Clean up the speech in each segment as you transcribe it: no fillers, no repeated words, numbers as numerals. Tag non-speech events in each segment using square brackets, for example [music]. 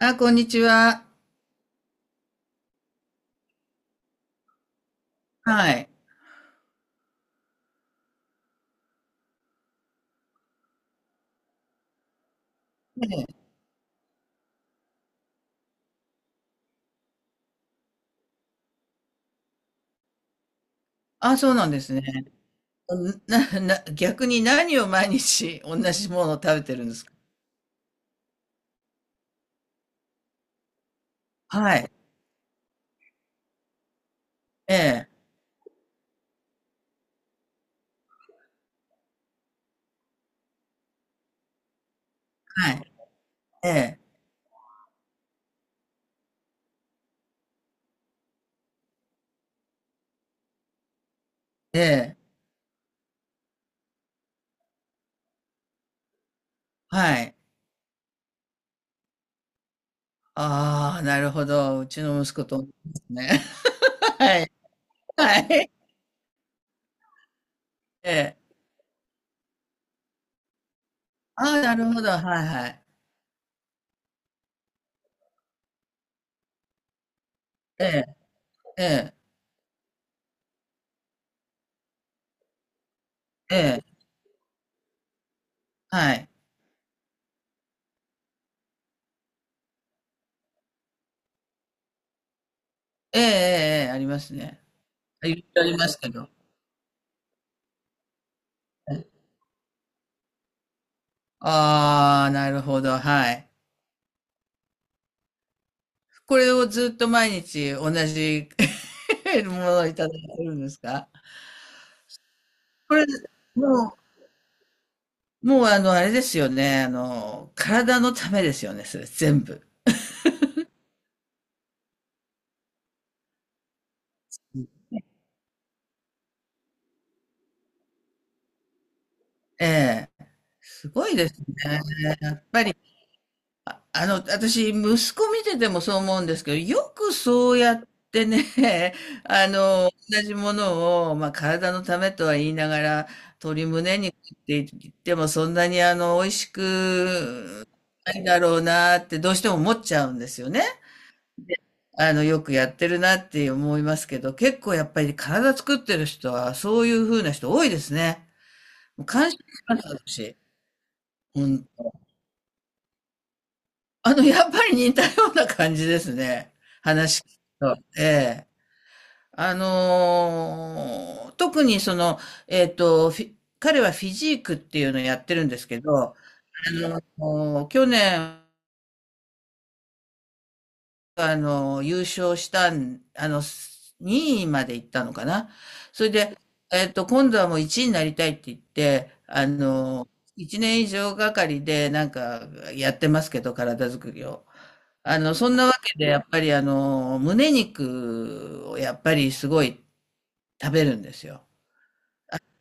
あ、こんにちは。はい。ねえ。あ、そうなんですね。[laughs] 逆に何を毎日同じものを食べてるんですか？はい。ええ。はい。ええ。ええ。はい。ああ、なるほど。うちの息子と同じですね。[laughs] はい。はい。ええ。ああ、なるほど。はいはい。ええ。ええ。ええ。はい。ええ、ええ、ええ、ありますね。言ってありますけど。ああ、なるほど。はい。これをずっと毎日同じ [laughs] ものをいただいてるんですか？これ、ももう、あれですよね、体のためですよね、それ全部。ええ。すごいですね。やっぱり私、息子見ててもそう思うんですけど、よくそうやってね、[laughs] 同じものを、まあ、体のためとは言いながら、鶏胸肉って言っても、そんなに美味しくないだろうなって、どうしても思っちゃうんですよね。よくやってるなって思いますけど、結構やっぱり体作ってる人は、そういう風な人多いですね。もう感心します、私。本当やっぱり似たような感じですね。話聞くと。ええ。特に彼はフィジークっていうのをやってるんですけど、もう去年、優勝したん、あの、2位まで行ったのかな。それで、今度はもう1位になりたいって言って、1年以上がかりでなんかやってますけど、体作りを。そんなわけで、やっぱり胸肉をやっぱりすごい食べるんですよ。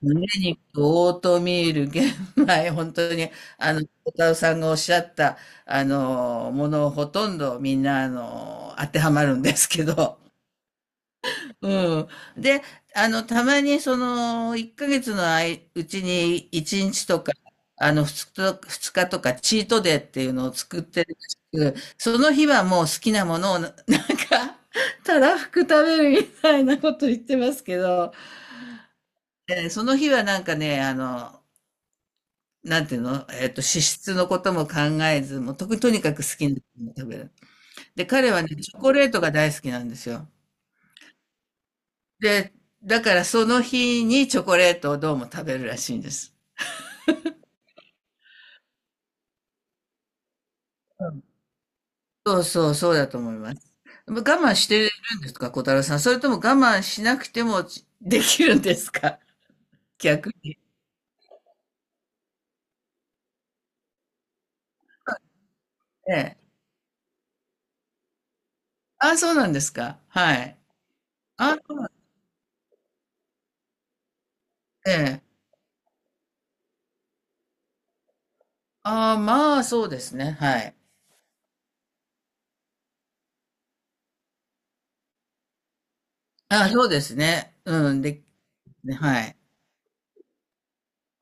胸肉、オートミール、玄米、[laughs] 本当に、小田さんがおっしゃった、ものほとんどみんな、当てはまるんですけど。うん。で、たまに1ヶ月のあいうちに1日とか、2日と二日とか、チートデーっていうのを作ってるらしく、その日はもう好きなものをな、[laughs] なんか、たらふく食べるみたいなこと言ってますけど、その日はなんかね、なんていうの、脂質のことも考えず、もうと、とにかく好きなものを食べる。で、彼はね、チョコレートが大好きなんですよ。で、だからその日にチョコレートをどうも食べるらしいんです。うん。そうそう、そうだと思います。我慢してるんですか、小太郎さん。それとも我慢しなくてもちできるんですか？逆に。ええ。ああ、そうなんですか。はい。ああ、そうなんええ。ああ、まあ、そうですね。はい。ああ、そうですね。うん、で、ねはい。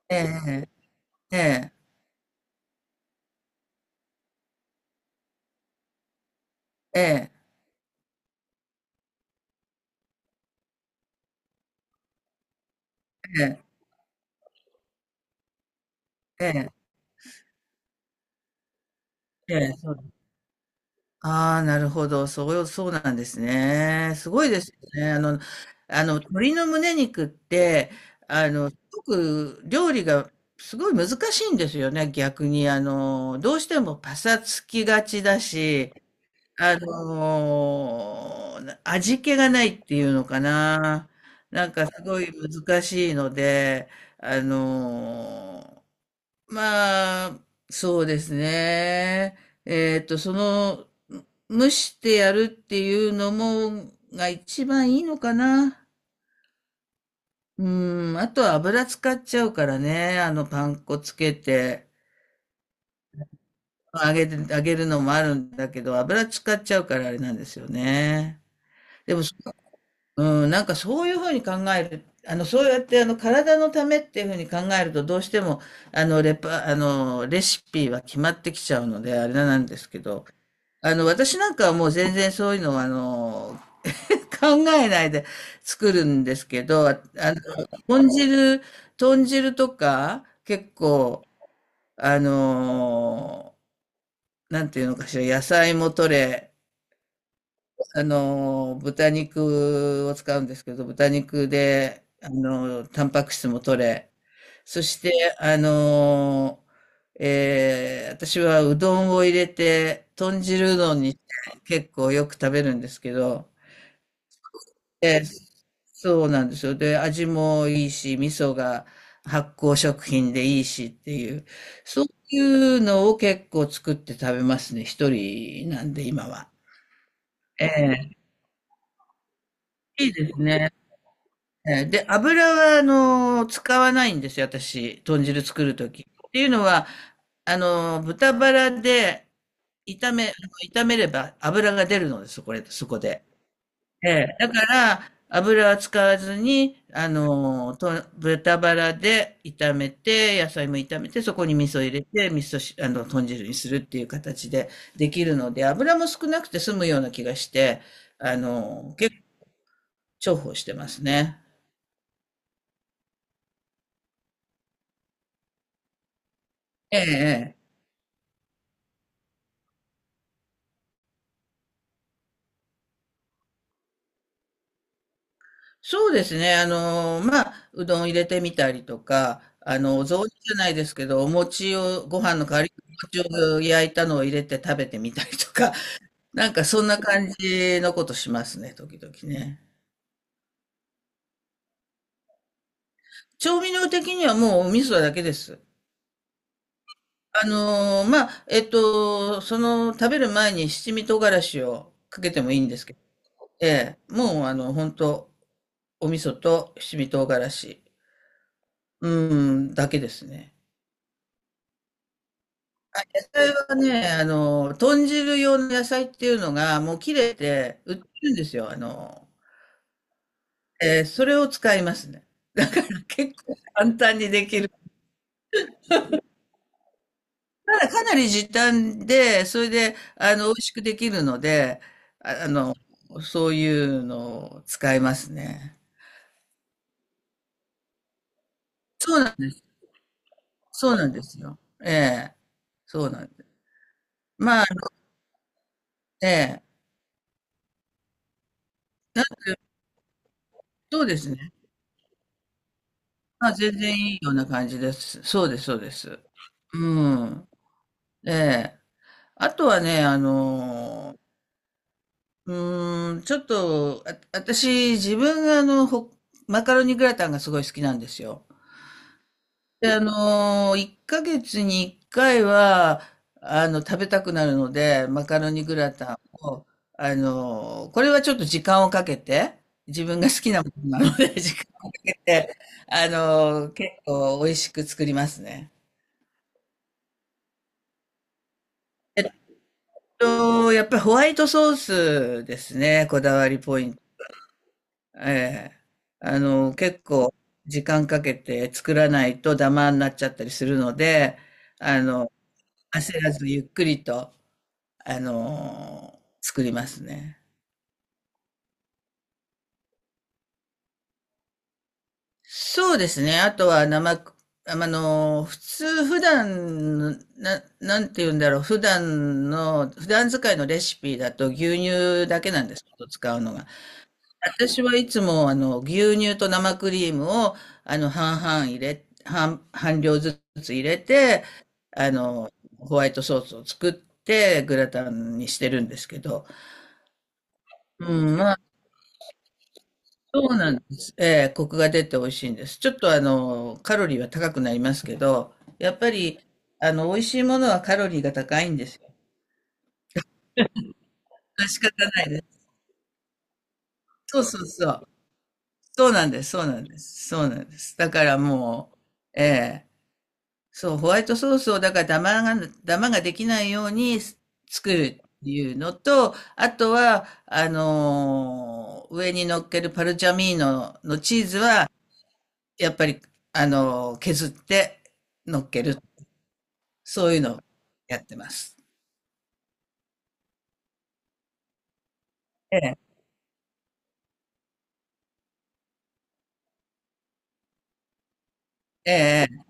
ええ、ええ、ええ、ええ、ええ、ええ、ええ、ああ、なるほど。そう、そうなんですね。すごいですよね。鶏の胸肉って、すごく料理がすごい難しいんですよね。逆に、どうしてもパサつきがちだし、あの、味気がないっていうのかな。なんかすごい難しいので、あの、まあ、そうですね。えっと、その、蒸してやるっていうのも、が一番いいのかな。うん、あとは油使っちゃうからね。パン粉つけて、揚げるのもあるんだけど、油使っちゃうからあれなんですよね。でも、なんかそういうふうに考える、そうやって体のためっていうふうに考えると、どうしても、あの、レパ、あの、レシピは決まってきちゃうので、あれなんですけど、私なんかはもう全然そういうのは、[laughs] 考えないで作るんですけど、の、豚汁、豚汁とか、結構、あの、なんていうのかしら、野菜も取れ、豚肉を使うんですけど、豚肉で、タンパク質も取れ、そして、あの、私はうどんを入れて、豚汁うどんにして結構よく食べるんですけど、えーそうなんですよ。で、味もいいし、味噌が発酵食品でいいしっていう、そういうのを結構作って食べますね、一人なんで今は。ええ、いいですね。で、油は、使わないんですよ、私、豚汁作るとき。っていうのは、豚バラで炒めれば油が出るのです、これ、そこで。ええ、だから、油は使わずに、あのーと、豚バラで炒めて、野菜も炒めて、そこに味噌入れて、味噌し、あの、豚汁にするっていう形でできるので、油も少なくて済むような気がして、結構重宝してますね。ええ、ええ、そうですね。まあ、うどん入れてみたりとか、お雑煮じゃないですけど、お餅を、ご飯の代わりにお餅を焼いたのを入れて食べてみたりとか、[laughs] なんかそんな感じのことしますね、時々ね。調味料的にはもうお味噌だけです。まあ、食べる前に七味唐辛子をかけてもいいんですけど、ええ、もう本当お味噌と七味唐辛子、うだけですね。野菜はね、豚汁用の野菜っていうのが、もう切れて売ってるんですよ。それを使いますね。[laughs] だから結構簡単にできる。ただかなり時短で、それで、美味しくできるので、あ、そういうのを使いますね。そうなん、そうなんですよ。ええ、そうなんです。まあ、ええ、そうですね。まあ、全然いいような感じです。そうです、そうです。うん。ええ。あとはね、うーん、ちょっと、あ、私、自分がマカロニグラタンがすごい好きなんですよ。で、1ヶ月に1回は、食べたくなるので、マカロニグラタンを、これはちょっと時間をかけて、自分が好きなものなので、[laughs] 時間をかけて、結構美味しく作りますね。えっやっぱりホワイトソースですね、こだわりポイント。ええ、結構時間かけて作らないとダマになっちゃったりするので、あの、焦らずゆっくりと、作りますね。そうですね。あとは生く、あの、普通、普段、なんて言うんだろう。普段使いのレシピだと牛乳だけなんです。使うのが。私はいつも、牛乳と生クリームを、半量ずつ入れて、あの、ホワイトソースを作って、グラタンにしてるんですけど、うん、まあ、そうなんです。ええ、コクが出て美味しいんです。ちょっと、カロリーは高くなりますけど、やっぱり、美味しいものはカロリーが高いんですよ。仕方ないです。そうそうそう。そうなんです、そうなんです、そうなんです。だからもう、ええ、そう、ホワイトソースをだからダマができないように作るっていうのと、あとは、上に乗っけるパルチャミーノのチーズは、やっぱり、削って乗っける。そういうのをやってます。ええ、ええ、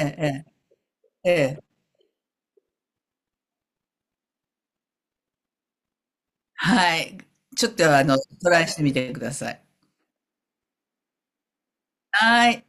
ええ、ええ、ええ、はい。ちょっとトライしてみてください。はい。